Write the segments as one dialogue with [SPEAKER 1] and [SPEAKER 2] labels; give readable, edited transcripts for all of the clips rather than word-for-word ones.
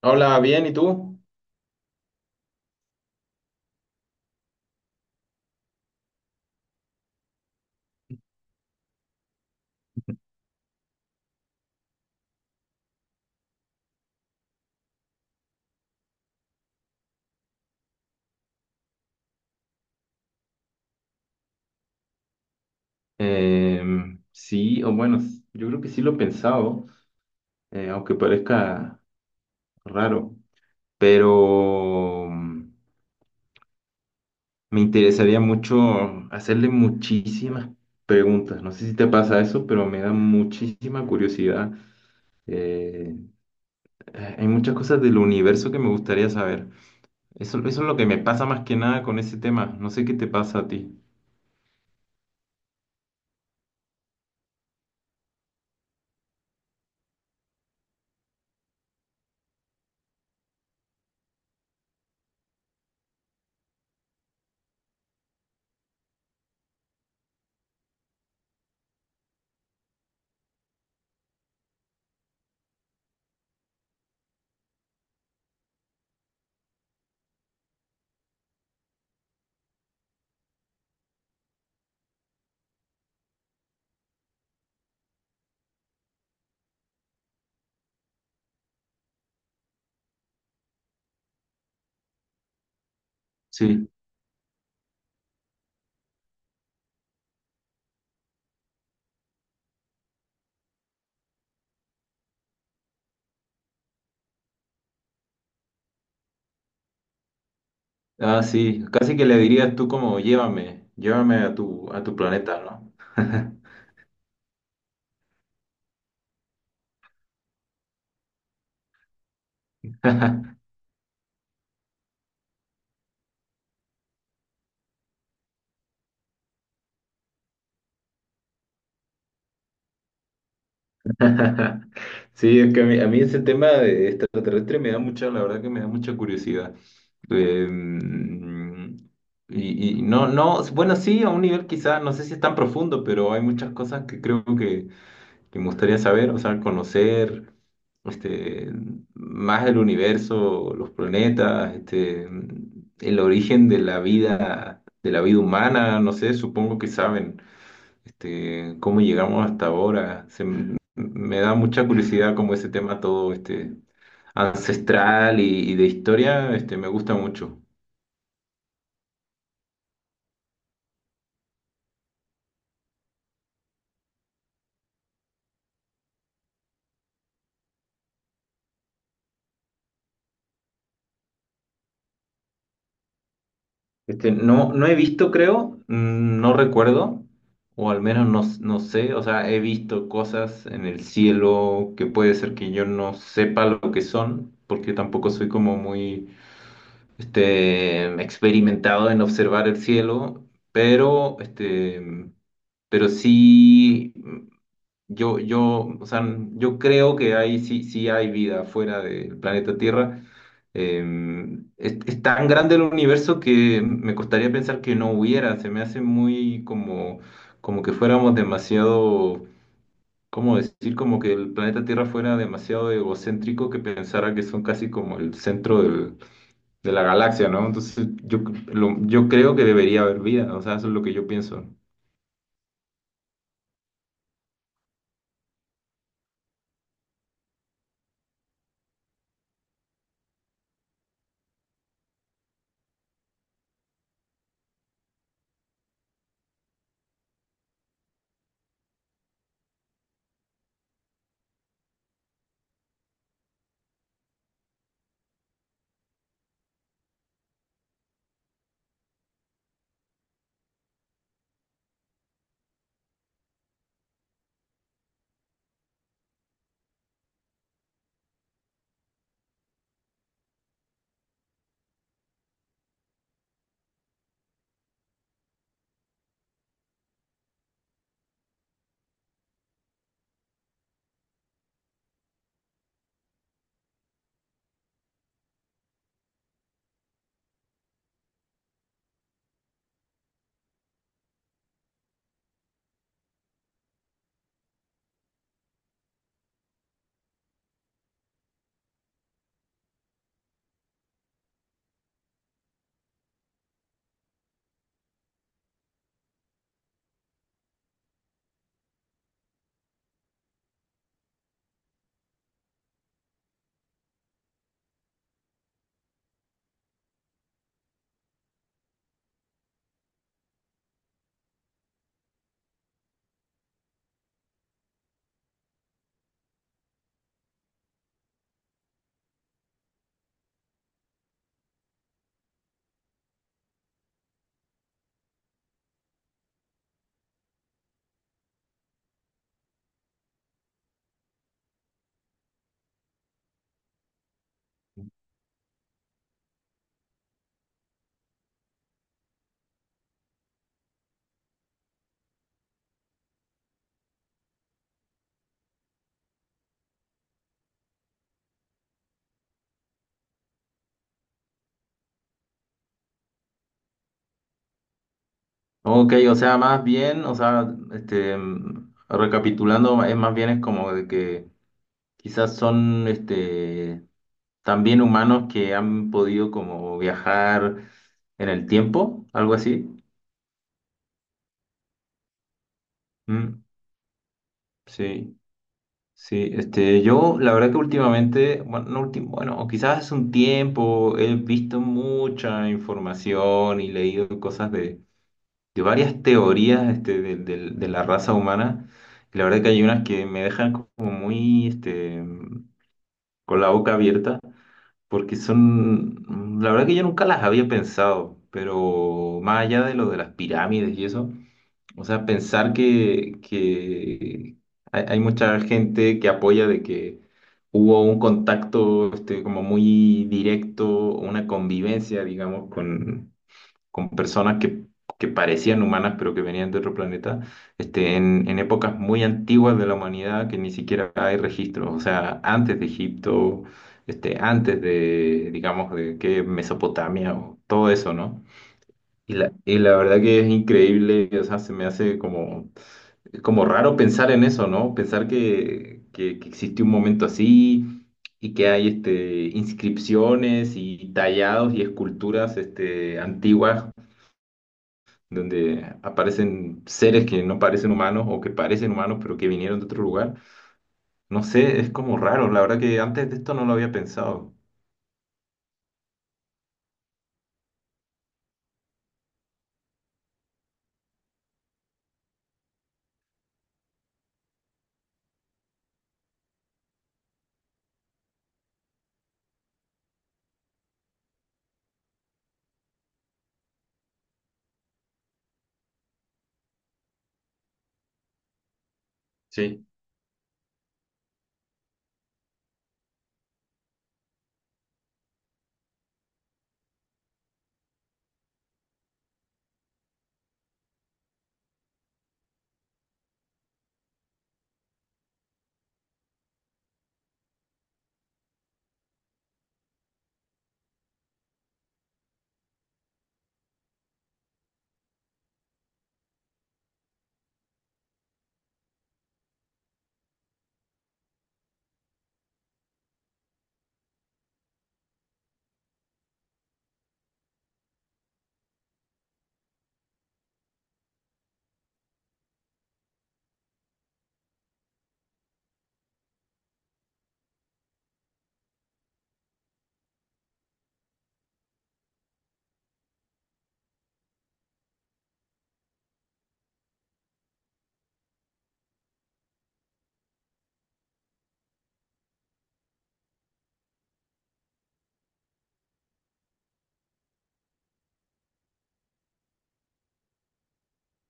[SPEAKER 1] Hola, bien, ¿y tú? Sí, o bueno, yo creo que sí lo he pensado, aunque parezca raro, pero me interesaría mucho hacerle muchísimas preguntas. No sé si te pasa eso, pero me da muchísima curiosidad. Eh, hay muchas cosas del universo que me gustaría saber. Eso es lo que me pasa más que nada con ese tema. No sé qué te pasa a ti. Sí. Ah, sí, casi que le dirías tú como llévame, llévame a tu planeta, ¿no? Sí, es que a mí ese tema de extraterrestre me da mucha, la verdad que me da mucha curiosidad. Eh, y no, no, bueno, sí, a un nivel quizás, no sé si es tan profundo, pero hay muchas cosas que que me gustaría saber, o sea, conocer este, más del universo, los planetas, el origen de la vida humana, no sé, supongo que saben cómo llegamos hasta ahora. Me da mucha curiosidad como ese tema todo ancestral y de historia, me gusta mucho. No, no he visto, creo, no recuerdo, o al menos no, no sé, o sea, he visto cosas en el cielo que puede ser que yo no sepa lo que son, porque tampoco soy como muy experimentado en observar el cielo, pero, pero sí yo, o sea, yo creo que ahí sí, sí hay vida fuera del planeta Tierra. Eh, es tan grande el universo que me costaría pensar que no hubiera. Se me hace muy como, como que fuéramos demasiado, ¿cómo decir? Como que el planeta Tierra fuera demasiado egocéntrico que pensara que son casi como el centro de la galaxia, ¿no? Entonces yo, yo creo que debería haber vida. O sea, eso es lo que yo pienso. Ok, o sea, más bien, o sea, recapitulando, es más bien es como de que quizás son, también humanos que han podido como viajar en el tiempo, algo así. Mm, sí, sí, yo la verdad que últimamente, bueno, no últim- bueno, o quizás hace un tiempo he visto mucha información y leído cosas de varias teorías de, de la raza humana. Y la verdad que hay unas que me dejan como muy con la boca abierta, porque son, la verdad que yo nunca las había pensado, pero más allá de lo de las pirámides y eso, o sea, que hay mucha gente que apoya de que hubo un contacto como muy directo, una convivencia, digamos, con personas que parecían humanas pero que venían de otro planeta, en épocas muy antiguas de la humanidad que ni siquiera hay registros, o sea, antes de Egipto, antes de, digamos, de que Mesopotamia o todo eso, ¿no? Y la verdad que es increíble, o sea, se me hace como, como raro pensar en eso, ¿no? Pensar que existe un momento así y que hay inscripciones y tallados y esculturas antiguas donde aparecen seres que no parecen humanos o que parecen humanos pero que vinieron de otro lugar. No sé, es como raro, la verdad que antes de esto no lo había pensado. Sí.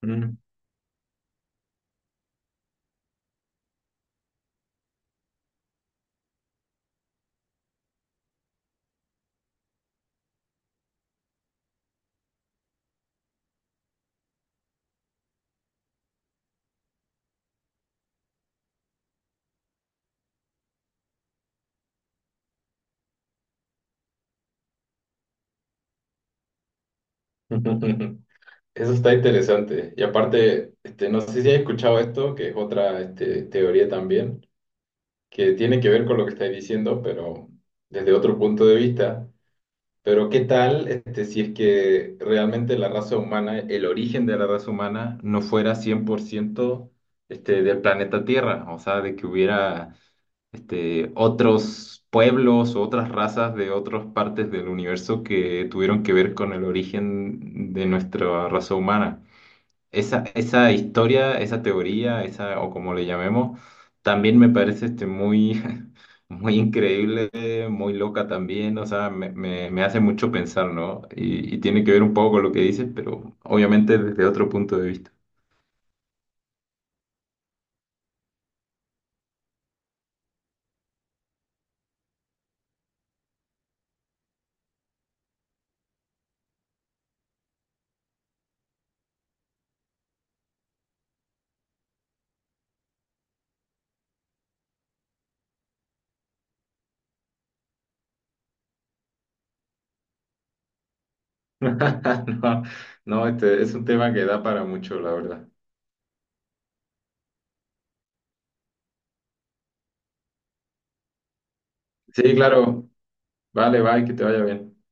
[SPEAKER 1] Mm. Eso está interesante. Y aparte, no sé si has escuchado esto, que es otra teoría también, que tiene que ver con lo que estáis diciendo, pero desde otro punto de vista, pero ¿qué tal si es que realmente la raza humana, el origen de la raza humana no fuera 100%, del planeta Tierra? O sea, de que hubiera otros pueblos o otras razas de otras partes del universo que tuvieron que ver con el origen de nuestra raza humana. Esa historia, esa teoría, esa, o como le llamemos, también me parece muy, muy increíble, muy loca también, o sea, me hace mucho pensar, ¿no? Y tiene que ver un poco con lo que dices, pero obviamente desde otro punto de vista. No, no, este es un tema que da para mucho, la verdad. Sí, claro. Vale, bye, que te vaya bien.